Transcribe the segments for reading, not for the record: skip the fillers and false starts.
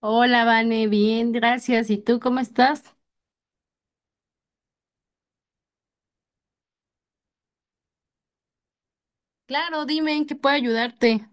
Hola, Vane, bien, gracias. ¿Y tú cómo estás? Claro, dime en qué puedo ayudarte.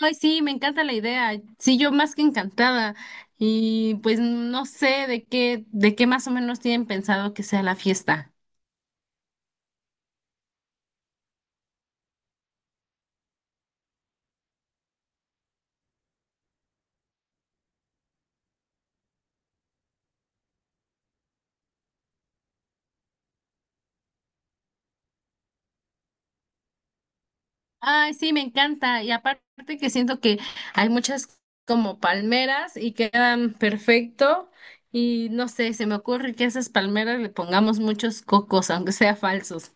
Ay, sí, me encanta la idea. Sí, yo más que encantada. Y pues no sé de qué más o menos tienen pensado que sea la fiesta. Ay, sí, me encanta. Y aparte que siento que hay muchas como palmeras y quedan perfecto. Y no sé, se me ocurre que a esas palmeras le pongamos muchos cocos, aunque sea falsos.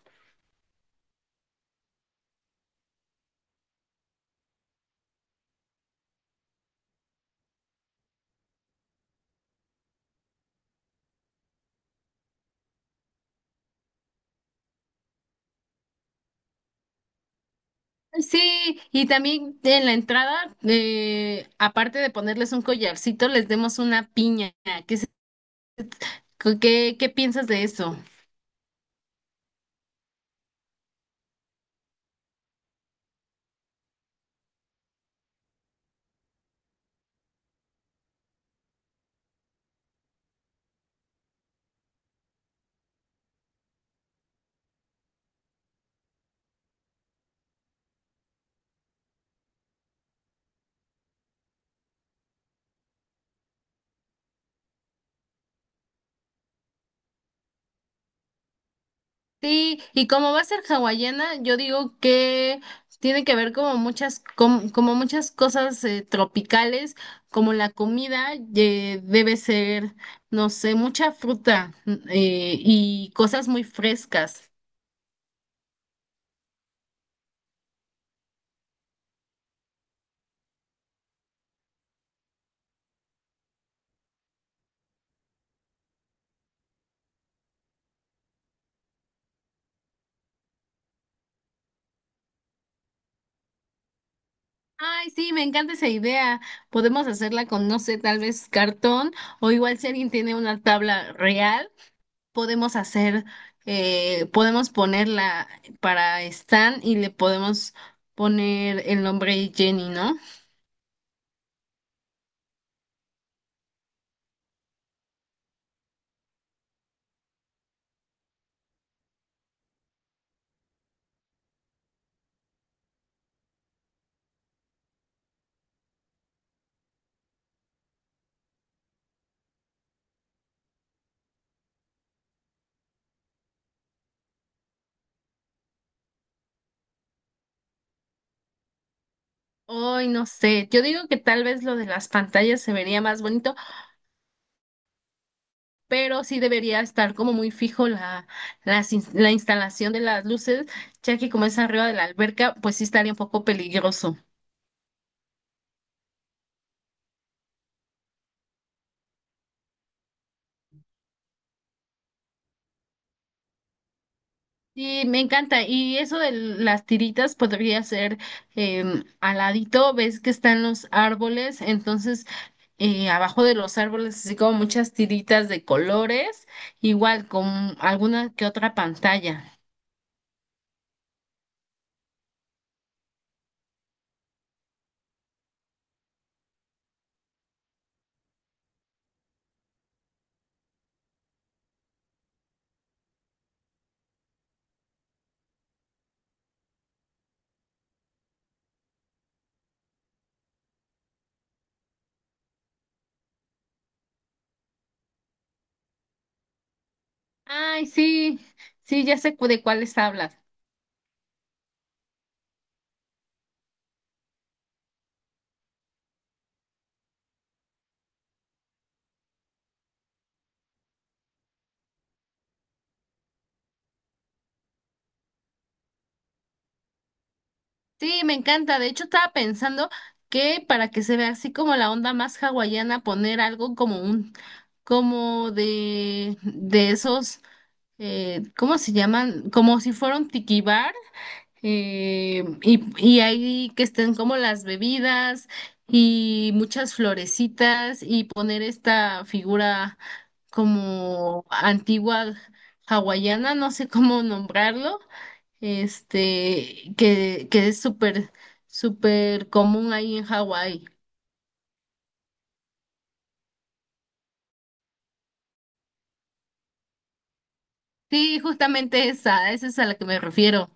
Sí, y también en la entrada, aparte de ponerles un collarcito, les demos una piña. ¿Qué, qué, qué piensas de eso? Sí, y como va a ser hawaiana, yo digo que tiene que ver como muchas, como muchas cosas tropicales, como la comida, debe ser, no sé, mucha fruta, y cosas muy frescas. Ay, sí, me encanta esa idea. Podemos hacerla con, no sé, tal vez cartón o igual si alguien tiene una tabla real, podemos hacer, podemos ponerla para Stan y le podemos poner el nombre Jenny, ¿no? Ay no sé, yo digo que tal vez lo de las pantallas se vería más bonito, pero sí debería estar como muy fijo la instalación de las luces, ya que como es arriba de la alberca, pues sí estaría un poco peligroso. Sí, me encanta. Y eso de las tiritas podría ser al ladito, ves que están los árboles, entonces abajo de los árboles, así como muchas tiritas de colores, igual con alguna que otra pantalla. Ay, sí, sí, ya sé de cuáles hablas. Sí, me encanta. De hecho, estaba pensando que para que se vea así como la onda más hawaiana, poner algo como como de esos. ¿Cómo se llaman? Como si fuera un tiki bar, eh, y, y ahí que estén como las bebidas y muchas florecitas y poner esta figura como antigua hawaiana, no sé cómo nombrarlo, este, que es súper común ahí en Hawái. Sí, justamente esa, esa es a la que me refiero.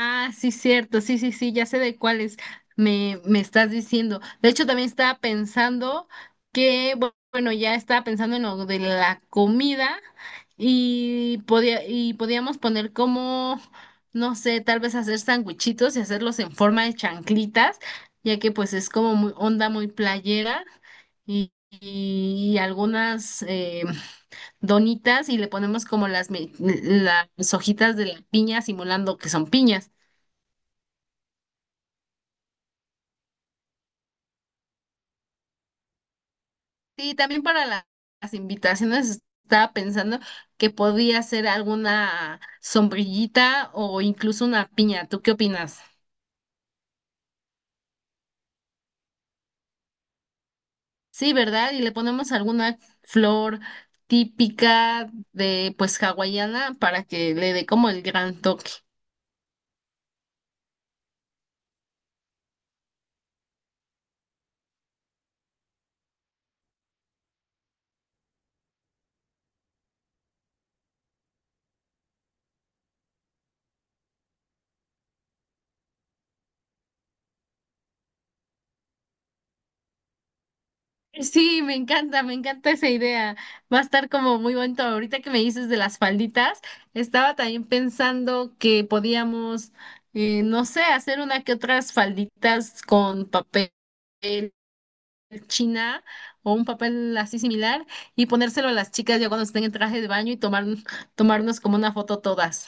Ah, sí, cierto, sí, sí, sí, ya sé de cuáles me estás diciendo. De hecho, también estaba pensando que, bueno, ya estaba pensando en lo de la comida y y podíamos poner como, no sé, tal vez hacer sanguichitos y hacerlos en forma de chanclitas, ya que pues es como muy onda muy playera y, y algunas donitas y le ponemos como las hojitas de la piña simulando que son piñas. Sí, también para las invitaciones estaba pensando que podía ser alguna sombrillita o incluso una piña. ¿Tú qué opinas? Sí, ¿verdad? Y le ponemos alguna flor típica de pues hawaiana para que le dé como el gran toque. Sí, me encanta esa idea. Va a estar como muy bonito. Ahorita que me dices de las falditas, estaba también pensando que podíamos, no sé, hacer una que otras falditas con papel china o un papel así similar y ponérselo a las chicas ya cuando estén en traje de baño y tomarnos como una foto todas.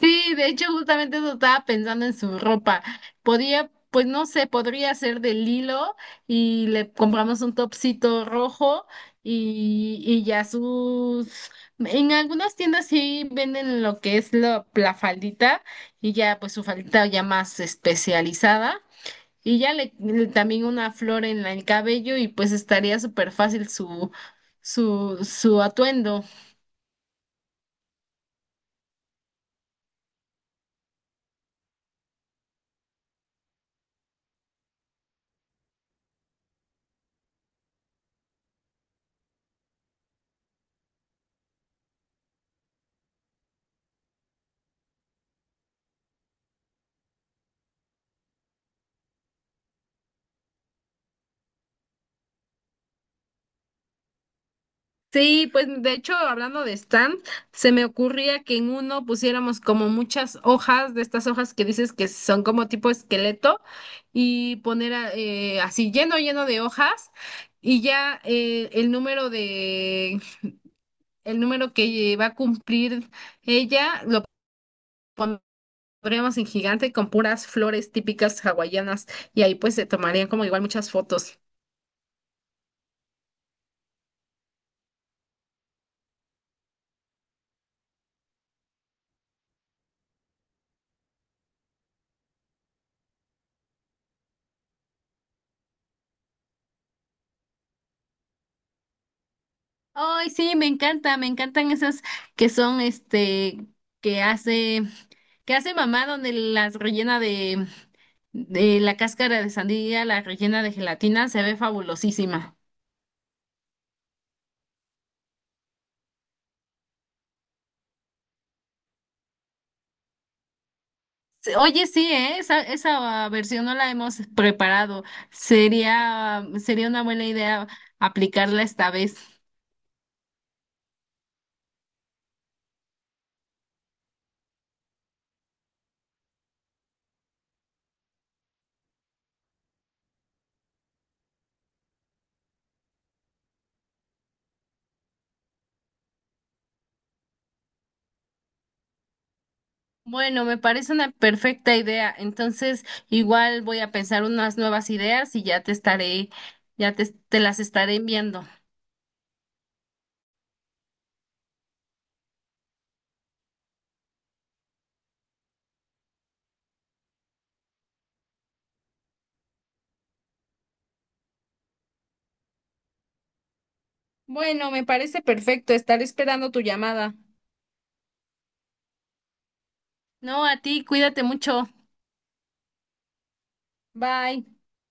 Sí, de hecho, justamente eso estaba pensando en su ropa. Podía, pues no sé, podría ser del hilo y le compramos un topsito rojo y ya sus... En algunas tiendas sí venden lo que es la faldita y ya pues su faldita ya más especializada y ya también una flor en el cabello y pues estaría súper fácil su atuendo. Sí, pues de hecho, hablando de stand, se me ocurría que en uno pusiéramos como muchas hojas de estas hojas que dices que son como tipo esqueleto y poner así lleno, lleno de hojas y ya el número que va a cumplir ella lo pondríamos en gigante con puras flores típicas hawaianas y ahí pues se tomarían como igual muchas fotos. Ay, sí, me encanta, me encantan esas que son, este, que hace, que hace mamá donde las rellena de la cáscara de sandía, la rellena de gelatina, se ve fabulosísima. Sí, oye, sí, ¿eh? Esa versión no la hemos preparado. Sería una buena idea aplicarla esta vez. Bueno, me parece una perfecta idea. Entonces, igual voy a pensar unas nuevas ideas y ya te estaré, ya te las estaré enviando. Bueno, me parece perfecto estar esperando tu llamada. No, a ti, cuídate mucho. Bye.